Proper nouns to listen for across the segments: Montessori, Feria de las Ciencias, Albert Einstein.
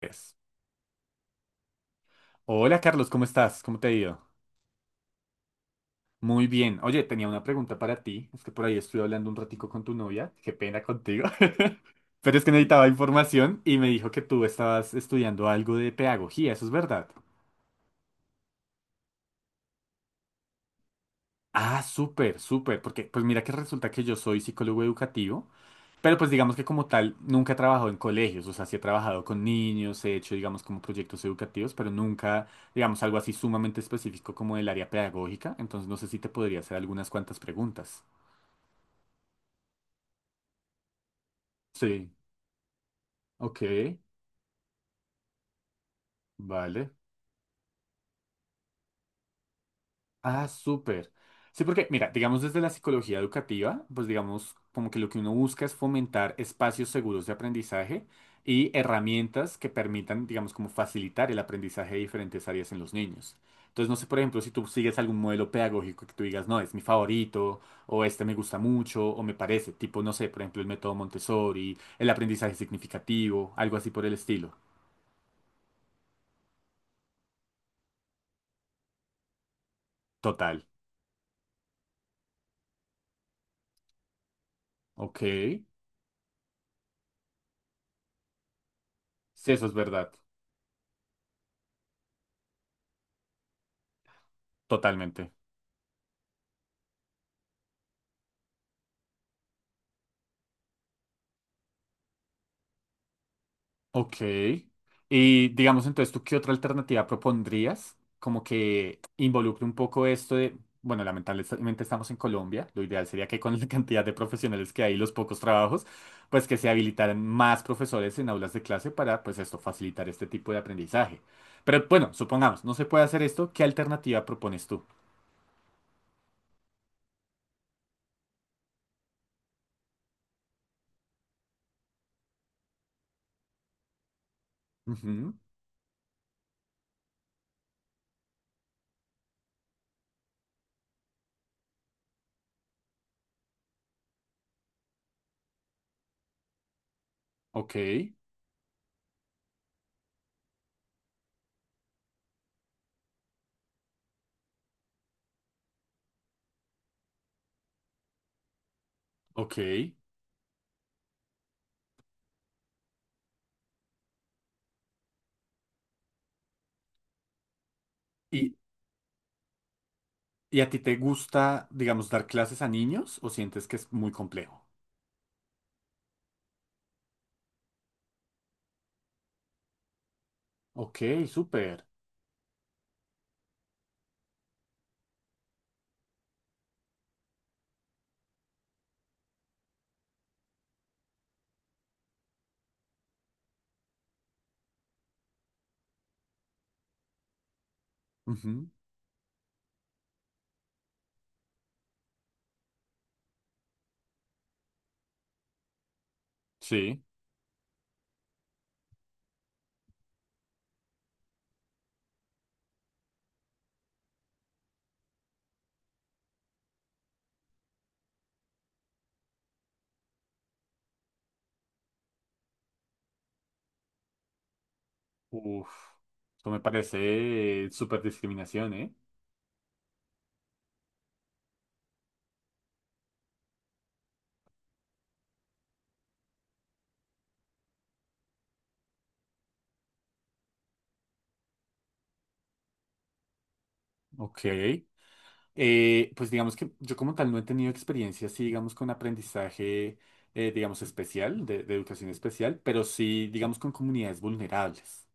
Pues, hola Carlos, ¿cómo estás? ¿Cómo te ha ido? Muy bien. Oye, tenía una pregunta para ti. Es que por ahí estuve hablando un ratico con tu novia. Qué pena contigo. Pero es que necesitaba información y me dijo que tú estabas estudiando algo de pedagogía. ¿Eso es verdad? Ah, súper, súper. Porque pues mira que resulta que yo soy psicólogo educativo, pero pues digamos que como tal nunca he trabajado en colegios. O sea, sí he trabajado con niños, he hecho digamos como proyectos educativos, pero nunca digamos algo así sumamente específico como del área pedagógica. Entonces no sé si te podría hacer algunas cuantas preguntas. Sí, ok, vale. Ah, súper. Sí, porque, mira, digamos desde la psicología educativa, pues digamos como que lo que uno busca es fomentar espacios seguros de aprendizaje y herramientas que permitan, digamos, como facilitar el aprendizaje de diferentes áreas en los niños. Entonces, no sé, por ejemplo, si tú sigues algún modelo pedagógico que tú digas, no, es mi favorito, o este me gusta mucho, o me parece, tipo, no sé, por ejemplo, el método Montessori, el aprendizaje significativo, algo así por el estilo. Total. Ok. Sí, eso es verdad. Totalmente. Ok. Y digamos entonces, ¿tú qué otra alternativa propondrías? Como que involucre un poco esto de, bueno, lamentablemente estamos en Colombia, lo ideal sería que con la cantidad de profesionales que hay y los pocos trabajos, pues que se habilitaran más profesores en aulas de clase para, pues esto, facilitar este tipo de aprendizaje. Pero bueno, supongamos, no se puede hacer esto, ¿qué alternativa propones tú? Ujú, ok, ok. ¿Y, y a ti te gusta, digamos, dar clases a niños o sientes que es muy complejo? Ok, súper. Ujú, sí. Uf, eso me parece súper discriminación, ¿eh? Ok. Pues digamos que yo como tal no he tenido experiencia así, digamos, con aprendizaje, digamos, especial, de educación especial, pero sí, digamos, con comunidades vulnerables.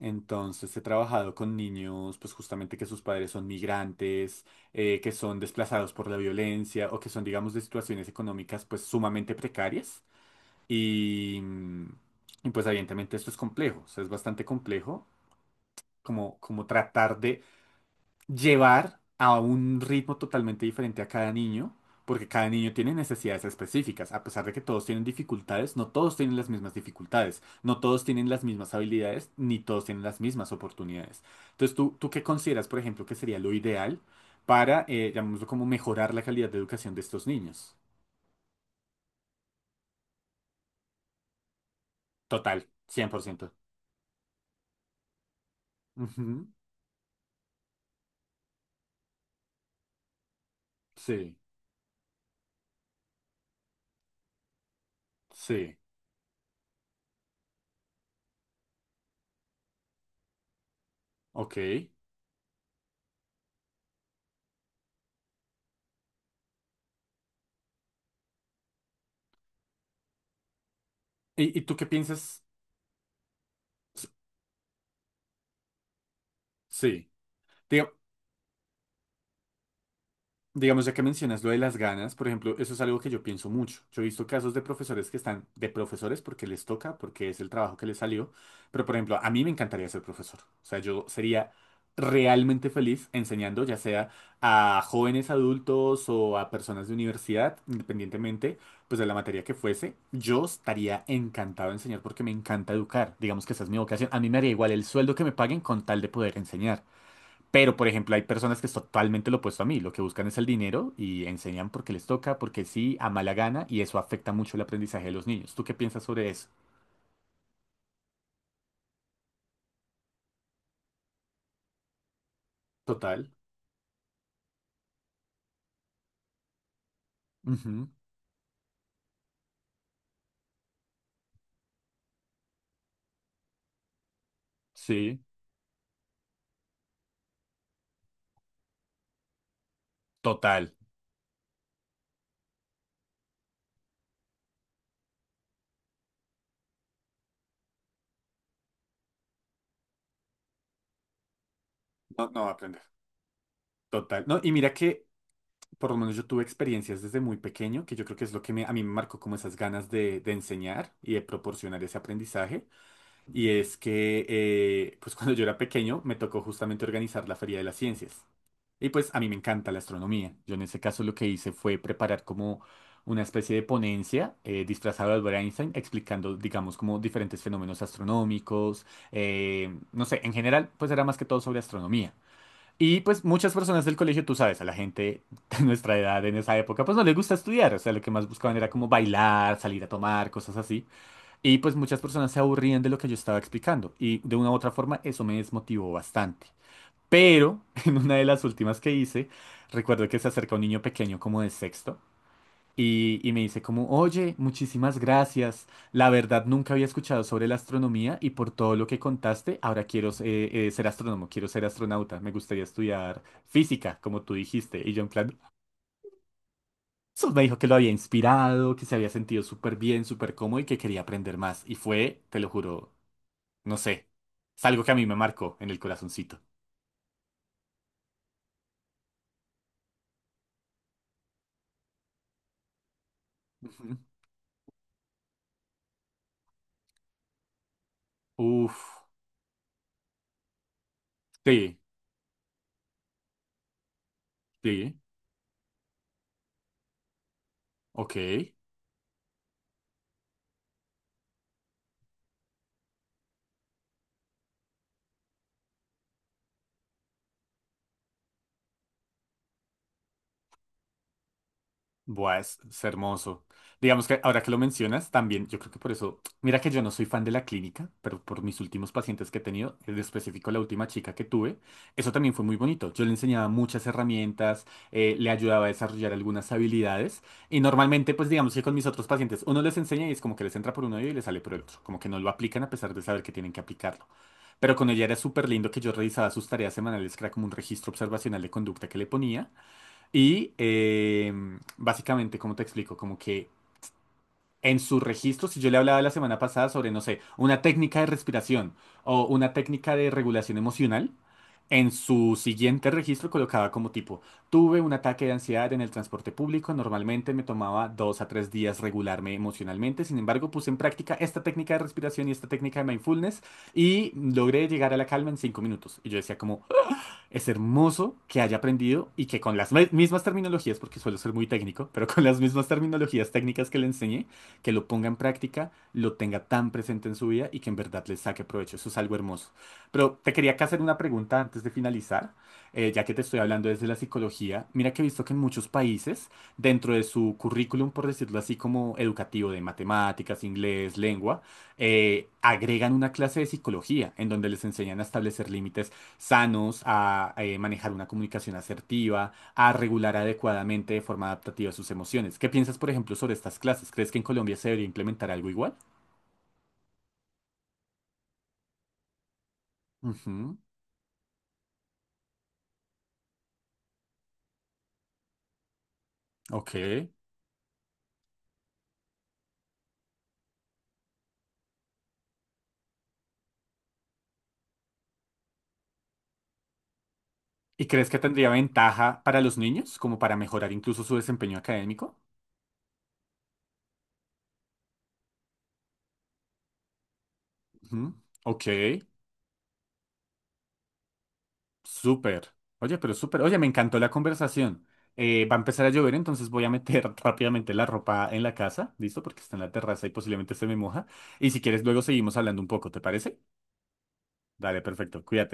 Entonces he trabajado con niños, pues justamente que sus padres son migrantes, que son desplazados por la violencia o que son, digamos, de situaciones económicas, pues sumamente precarias. Y, y, pues evidentemente esto es complejo, o sea, es bastante complejo como, como tratar de llevar a un ritmo totalmente diferente a cada niño, porque cada niño tiene necesidades específicas, a pesar de que todos tienen dificultades, no todos tienen las mismas dificultades, no todos tienen las mismas habilidades, ni todos tienen las mismas oportunidades. Entonces, ¿ tú qué consideras, por ejemplo, que sería lo ideal para, llamémoslo como mejorar la calidad de educación de estos niños? Total, 100%. Ujú, sí, sí. Ok. Y tú qué piensas? S- Sí. Diga- Digamos, ya que mencionas lo de las ganas, por ejemplo, eso es algo que yo pienso mucho. Yo he visto casos de profesores que están de profesores porque les toca, porque es el trabajo que les salió, pero por ejemplo, a mí me encantaría ser profesor. O sea, yo sería realmente feliz enseñando, ya sea a jóvenes adultos o a personas de universidad, independientemente, pues de la materia que fuese. Yo estaría encantado de enseñar porque me encanta educar. Digamos que esa es mi vocación. A mí me haría igual el sueldo que me paguen con tal de poder enseñar. Pero, por ejemplo, hay personas que es totalmente lo opuesto a mí. Lo que buscan es el dinero y enseñan porque les toca, porque sí, a mala gana, y eso afecta mucho el aprendizaje de los niños. ¿Tú qué piensas sobre eso? Total. Ujú, sí, total. No, no va a aprender. Total. No, y mira que por lo menos yo tuve experiencias desde muy pequeño, que yo creo que es lo que me- a mí me marcó como esas ganas de enseñar y de proporcionar ese aprendizaje. Y es que, pues cuando yo era pequeño, me tocó justamente organizar la Feria de las Ciencias. Y pues a mí me encanta la astronomía. Yo en ese caso lo que hice fue preparar como una especie de ponencia disfrazada de Albert Einstein, explicando, digamos, como diferentes fenómenos astronómicos. No sé, en general, pues era más que todo sobre astronomía. Y pues muchas personas del colegio, tú sabes, a la gente de nuestra edad en esa época, pues no les gusta estudiar. O sea, lo que más buscaban era como bailar, salir a tomar, cosas así. Y pues muchas personas se aburrían de lo que yo estaba explicando. Y de una u otra forma, eso me desmotivó bastante. Pero en una de las últimas que hice, recuerdo que se acerca un niño pequeño como de sexto y me dice como, oye, muchísimas gracias. La verdad nunca había escuchado sobre la astronomía y por todo lo que contaste, ahora quiero ser astrónomo, quiero ser astronauta. Me gustaría estudiar física, como tú dijiste. Y yo en plan, eso me dijo que lo había inspirado, que se había sentido súper bien, súper cómodo y que quería aprender más. Y fue, te lo juro, no sé, es algo que a mí me marcó en el corazoncito. Ujú. Uf, sí, sí. Ok, buah, es hermoso. Digamos que ahora que lo mencionas, también yo creo que por eso, mira que yo no soy fan de la clínica, pero por mis últimos pacientes que he tenido, en específico la última chica que tuve, eso también fue muy bonito. Yo le enseñaba muchas herramientas, le ayudaba a desarrollar algunas habilidades y normalmente pues digamos que con mis otros pacientes uno les enseña y es como que les entra por un oído y les sale por el otro, como que no lo aplican a pesar de saber que tienen que aplicarlo. Pero con ella era súper lindo que yo revisaba sus tareas semanales, que era como un registro observacional de conducta que le ponía. Y básicamente, ¿cómo te explico? Como que en sus registros, si yo le hablaba la semana pasada sobre, no sé, una técnica de respiración o una técnica de regulación emocional, en su siguiente registro colocaba como tipo, tuve un ataque de ansiedad en el transporte público, normalmente me tomaba 2 a 3 días regularme emocionalmente, sin embargo puse en práctica esta técnica de respiración y esta técnica de mindfulness y logré llegar a la calma en 5 minutos. Y yo decía como, es hermoso que haya aprendido y que con las mismas terminologías, porque suelo ser muy técnico, pero con las mismas terminologías técnicas que le enseñé, que lo ponga en práctica, lo tenga tan presente en su vida y que en verdad le saque provecho. Eso es algo hermoso. Pero te quería acá hacer una pregunta antes de finalizar, ya que te estoy hablando desde la psicología. Mira que he visto que en muchos países, dentro de su currículum, por decirlo así, como educativo de matemáticas, inglés, lengua, agregan una clase de psicología en donde les enseñan a establecer límites sanos, a manejar una comunicación asertiva, a regular adecuadamente de forma adaptativa sus emociones. ¿Qué piensas, por ejemplo, sobre estas clases? ¿Crees que en Colombia se debería implementar algo igual? Ujú, ok. ¿Y crees que tendría ventaja para los niños, como para mejorar incluso su desempeño académico? Ujú, ok, súper. Oye, pero súper. Oye, me encantó la conversación. Va a empezar a llover, entonces voy a meter rápidamente la ropa en la casa, ¿listo? Porque está en la terraza y posiblemente se me moja. Y si quieres, luego seguimos hablando un poco, ¿te parece? Dale, perfecto, cuídate.